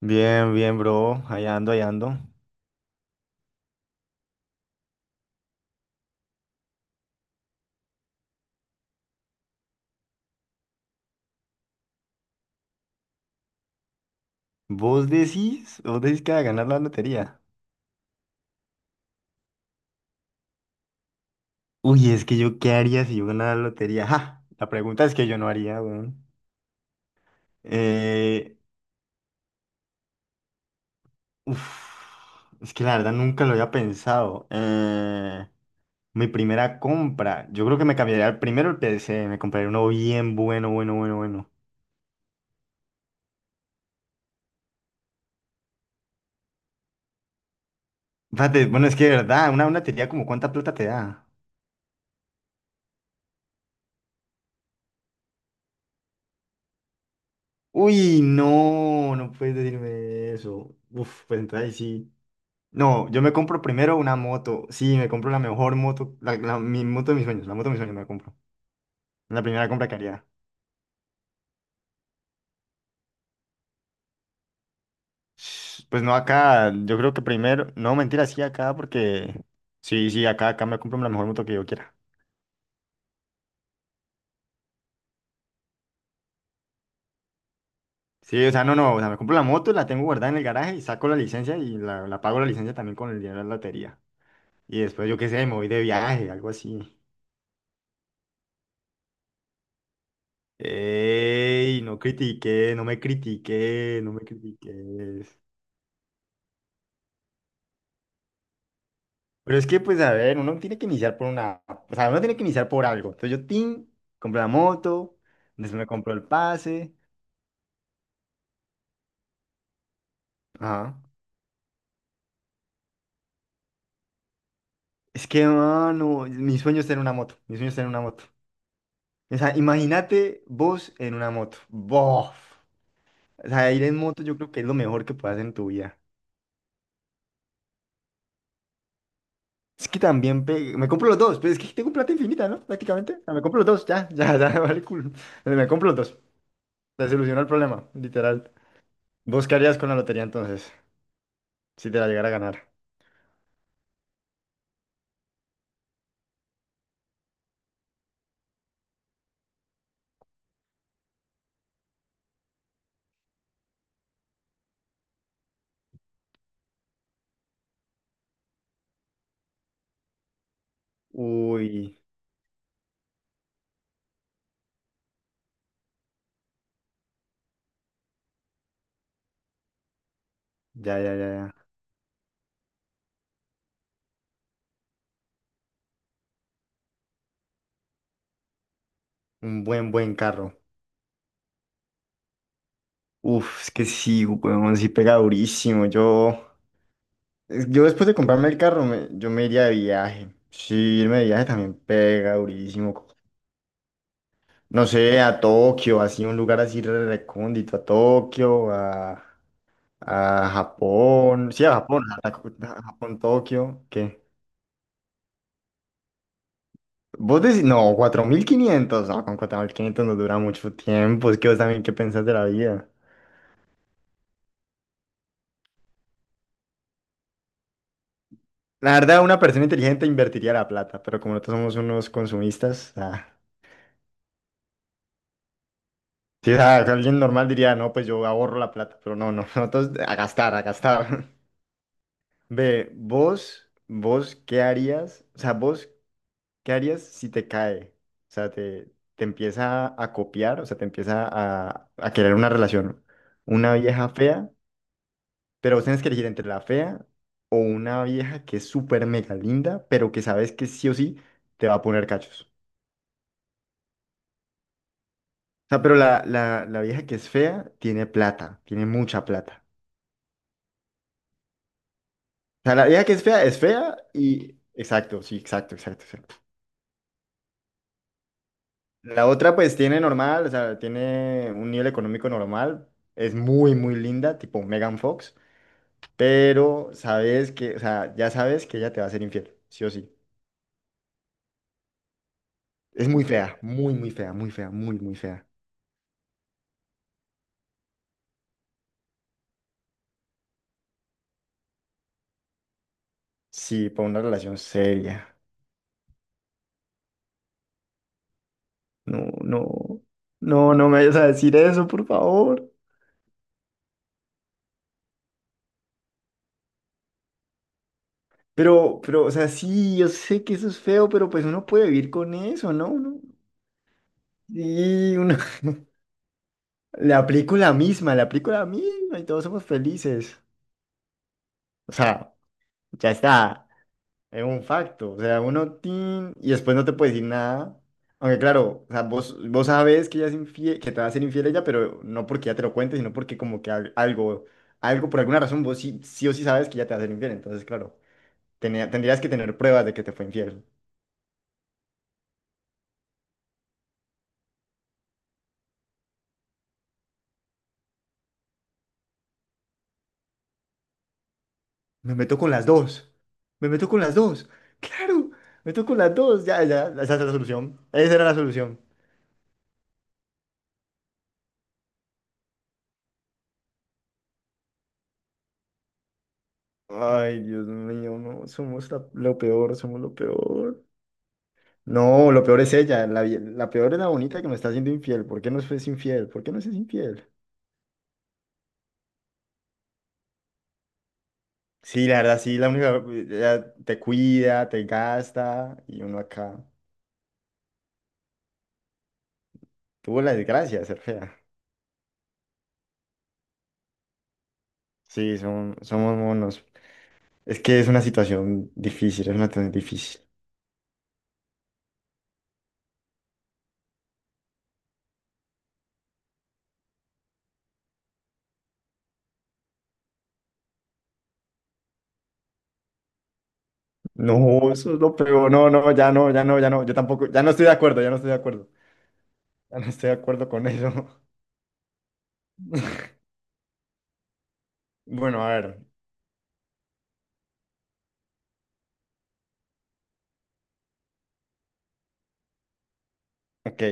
Bien, bien, bro. Allá ando, allá ando. ¿Vos decís? ¿Vos decís que va a ganar la lotería? Uy, es que yo, ¿qué haría si yo ganara la lotería? ¡Ja! La pregunta es que yo no haría, weón. Eh, uf, es que la verdad nunca lo había pensado. Mi primera compra. Yo creo que me cambiaría primero el PC. Me compraría uno bien bueno, bueno, bueno, bueno. Fíjate, bueno, es que de verdad, una lotería como cuánta plata te da. Uy, no, no puedes decirme eso. Uf, pues entonces ahí sí. No, yo me compro primero una moto. Sí, me compro la mejor moto, mi moto de mis sueños, la moto de mis sueños me la compro. La primera compra que haría. Sh- Pues no acá, yo creo que primero, no, mentira, sí acá porque, sí, sí, acá, acá me compro la mejor moto que yo quiera. Sí, o sea, no, no, o sea, me compro la moto, la tengo guardada en el garaje y saco la licencia y la pago la licencia también con el dinero de la lotería. Y después, yo qué sé, me voy de viaje, algo así. Ey, no critiqué, no me critiqué, no me critiqué. Pero es que, pues, a ver, uno tiene que iniciar por una, o sea, uno tiene que iniciar por algo. Entonces yo, tin, compré la moto, después me compró el pase. Ajá. Es que, mano, mi sueño es tener una moto, mi sueño es tener una moto. O sea, imagínate vos en una moto. ¡Bof! O sea, ir en moto yo creo que es lo mejor que puedes hacer en tu vida. Es que también me compro los dos, pues es que tengo plata infinita, ¿no? Prácticamente. O sea, me compro los dos, ya, ya, ya, vale, cool. Me compro los dos. Se solucionó el problema, literal. ¿Vos qué harías con la lotería entonces? Si te la llegara a ganar. Uy, ya, ya, ya, ya. Un buen, buen carro. Uf, es que sí, weón, sí pega durísimo. Yo, yo después de comprarme el carro, yo me iría de viaje. Sí, irme de viaje también pega durísimo. No sé, a Tokio, así, un lugar así re- recóndito, a Tokio, a Japón. Sí, a Japón, Tokio, ¿qué? Vos decís, no, 4.500, no, con 4.500 nos dura mucho tiempo, es que vos también, ¿qué pensás de la vida? La verdad, una persona inteligente invertiría la plata, pero como nosotros somos unos consumistas, ah, sí, o sea, alguien normal diría, no, pues yo ahorro la plata, pero no, no, nosotros a gastar, a gastar. Ve, vos, ¿qué harías? O sea, vos, ¿qué harías si te cae? O sea, te empieza a copiar, o sea, te empieza a querer una relación. Una vieja fea, pero vos tenés que elegir entre la fea o una vieja que es súper mega linda, pero que sabes que sí o sí te va a poner cachos. O sea, pero la vieja que es fea tiene plata, tiene mucha plata. O sea, la vieja que es fea y... Exacto, sí, exacto, exacto, exacto. La otra pues tiene normal, o sea, tiene un nivel económico normal, es muy, muy linda, tipo Megan Fox, pero sabes que, o sea, ya sabes que ella te va a ser infiel, sí o sí. Es muy fea, muy fea, muy, muy fea. Sí, para una relación seria. No, no, no, no me vayas a decir eso, por favor. Pero, o sea, sí, yo sé que eso es feo, pero pues uno puede vivir con eso, ¿no? Uno- y uno, le aplico la misma, le aplico la misma y todos somos felices. O sea, ya está, es un facto. O sea, uno, tin, y después no te puede decir nada. Aunque claro, o sea, vos, vos sabes que ella es infiel, que te va a ser infiel ella, pero no porque ella te lo cuente, sino porque como que algo, algo, por alguna razón, vos sí, sí o sí sabes que ella te va a ser infiel. Entonces, claro, tendrías que tener pruebas de que te fue infiel. Me meto con las dos. Me meto con las dos. Claro, me meto con las dos. Ya, ya, esa es la solución. Esa era la solución. Ay, Dios mío, no, somos lo peor, somos lo peor. No, lo peor es ella. La peor es la bonita que me está haciendo infiel. ¿Por qué no es infiel? ¿Por qué no es infiel? Sí, la verdad, sí, la única, ella te cuida, te gasta y uno acá. Tuvo la desgracia de ser fea. Sí, son, somos monos. Es que es una situación difícil, es una situación difícil. No, eso es lo peor. No, no, ya no, ya no, ya no. Yo tampoco, ya no estoy de acuerdo, ya no estoy de acuerdo. Ya no estoy de acuerdo con eso. Bueno, a ver, ok.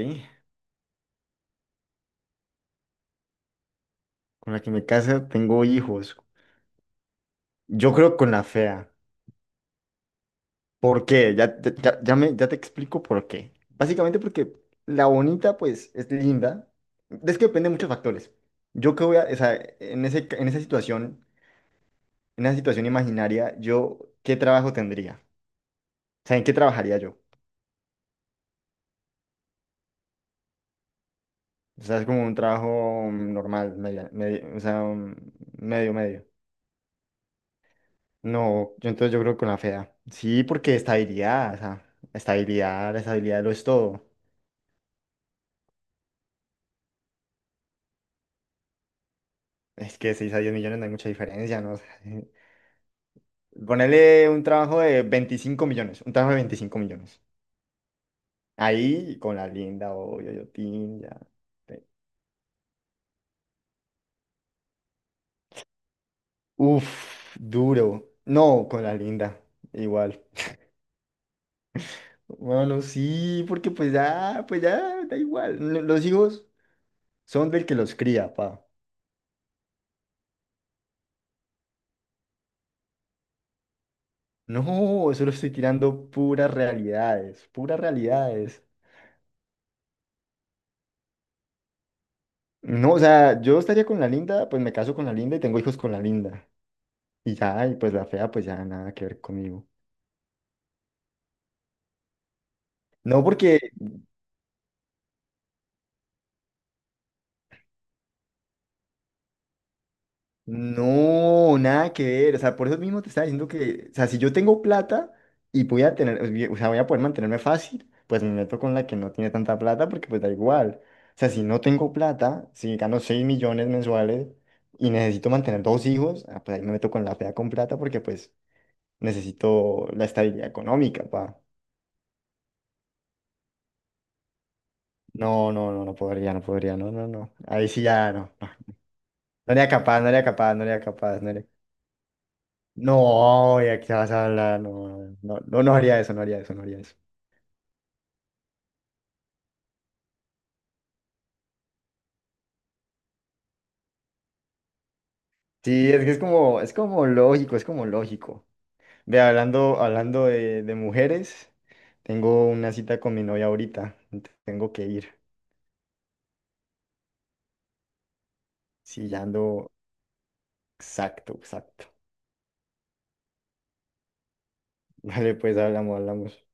Con la que me casa tengo hijos. Yo creo con la fea. ¿Por qué? Ya, ya, ya te explico por qué. Básicamente porque la bonita, pues, es linda. Es que depende de muchos factores. Yo que voy a, o sea, en esa situación imaginaria, yo, ¿qué trabajo tendría? O sea, ¿en qué trabajaría yo? O sea, es como un trabajo normal, o sea, un medio, medio. No, yo entonces yo creo que con la fea. Sí, porque estabilidad, o sea, estabilidad, la estabilidad lo es todo. Es que 6 a 10 millones no hay mucha diferencia, ¿no? O sea, ponerle un trabajo de 25 millones, un trabajo de 25 millones. Ahí con la linda, o Yoyotín, ya. te- Uf, duro. No, con la linda, igual. Bueno, sí, porque pues ya, da igual. Los hijos. Son del que los cría, pa. No, solo estoy tirando puras realidades, puras realidades. No, o sea, yo estaría con la linda, pues me caso con la linda y tengo hijos con la linda. Y ya, y pues la fea, pues ya nada que ver conmigo. No, porque no, nada que ver. O sea, por eso mismo te estaba diciendo que, o sea, si yo tengo plata y voy a tener, o sea, voy a poder mantenerme fácil, pues me meto con la que no tiene tanta plata porque pues da igual. O sea, si no tengo plata, si gano 6 millones mensuales y necesito mantener dos hijos, ah, pues ahí me meto con la fea con plata porque pues necesito la estabilidad económica, pa. No, no, no, no podría, no podría, no, no, no. Ahí sí ya no. No, no era capaz, no era capaz, no era capaz, no era. No, ya qué vas a hablar, no, no, no, no haría eso, no haría eso, no haría eso. Sí, es que es como lógico, es como lógico. Ve, hablando de mujeres, tengo una cita con mi novia ahorita, tengo que ir. Sí, ya ando, exacto, exacto. Vale, pues hablamos, hablamos.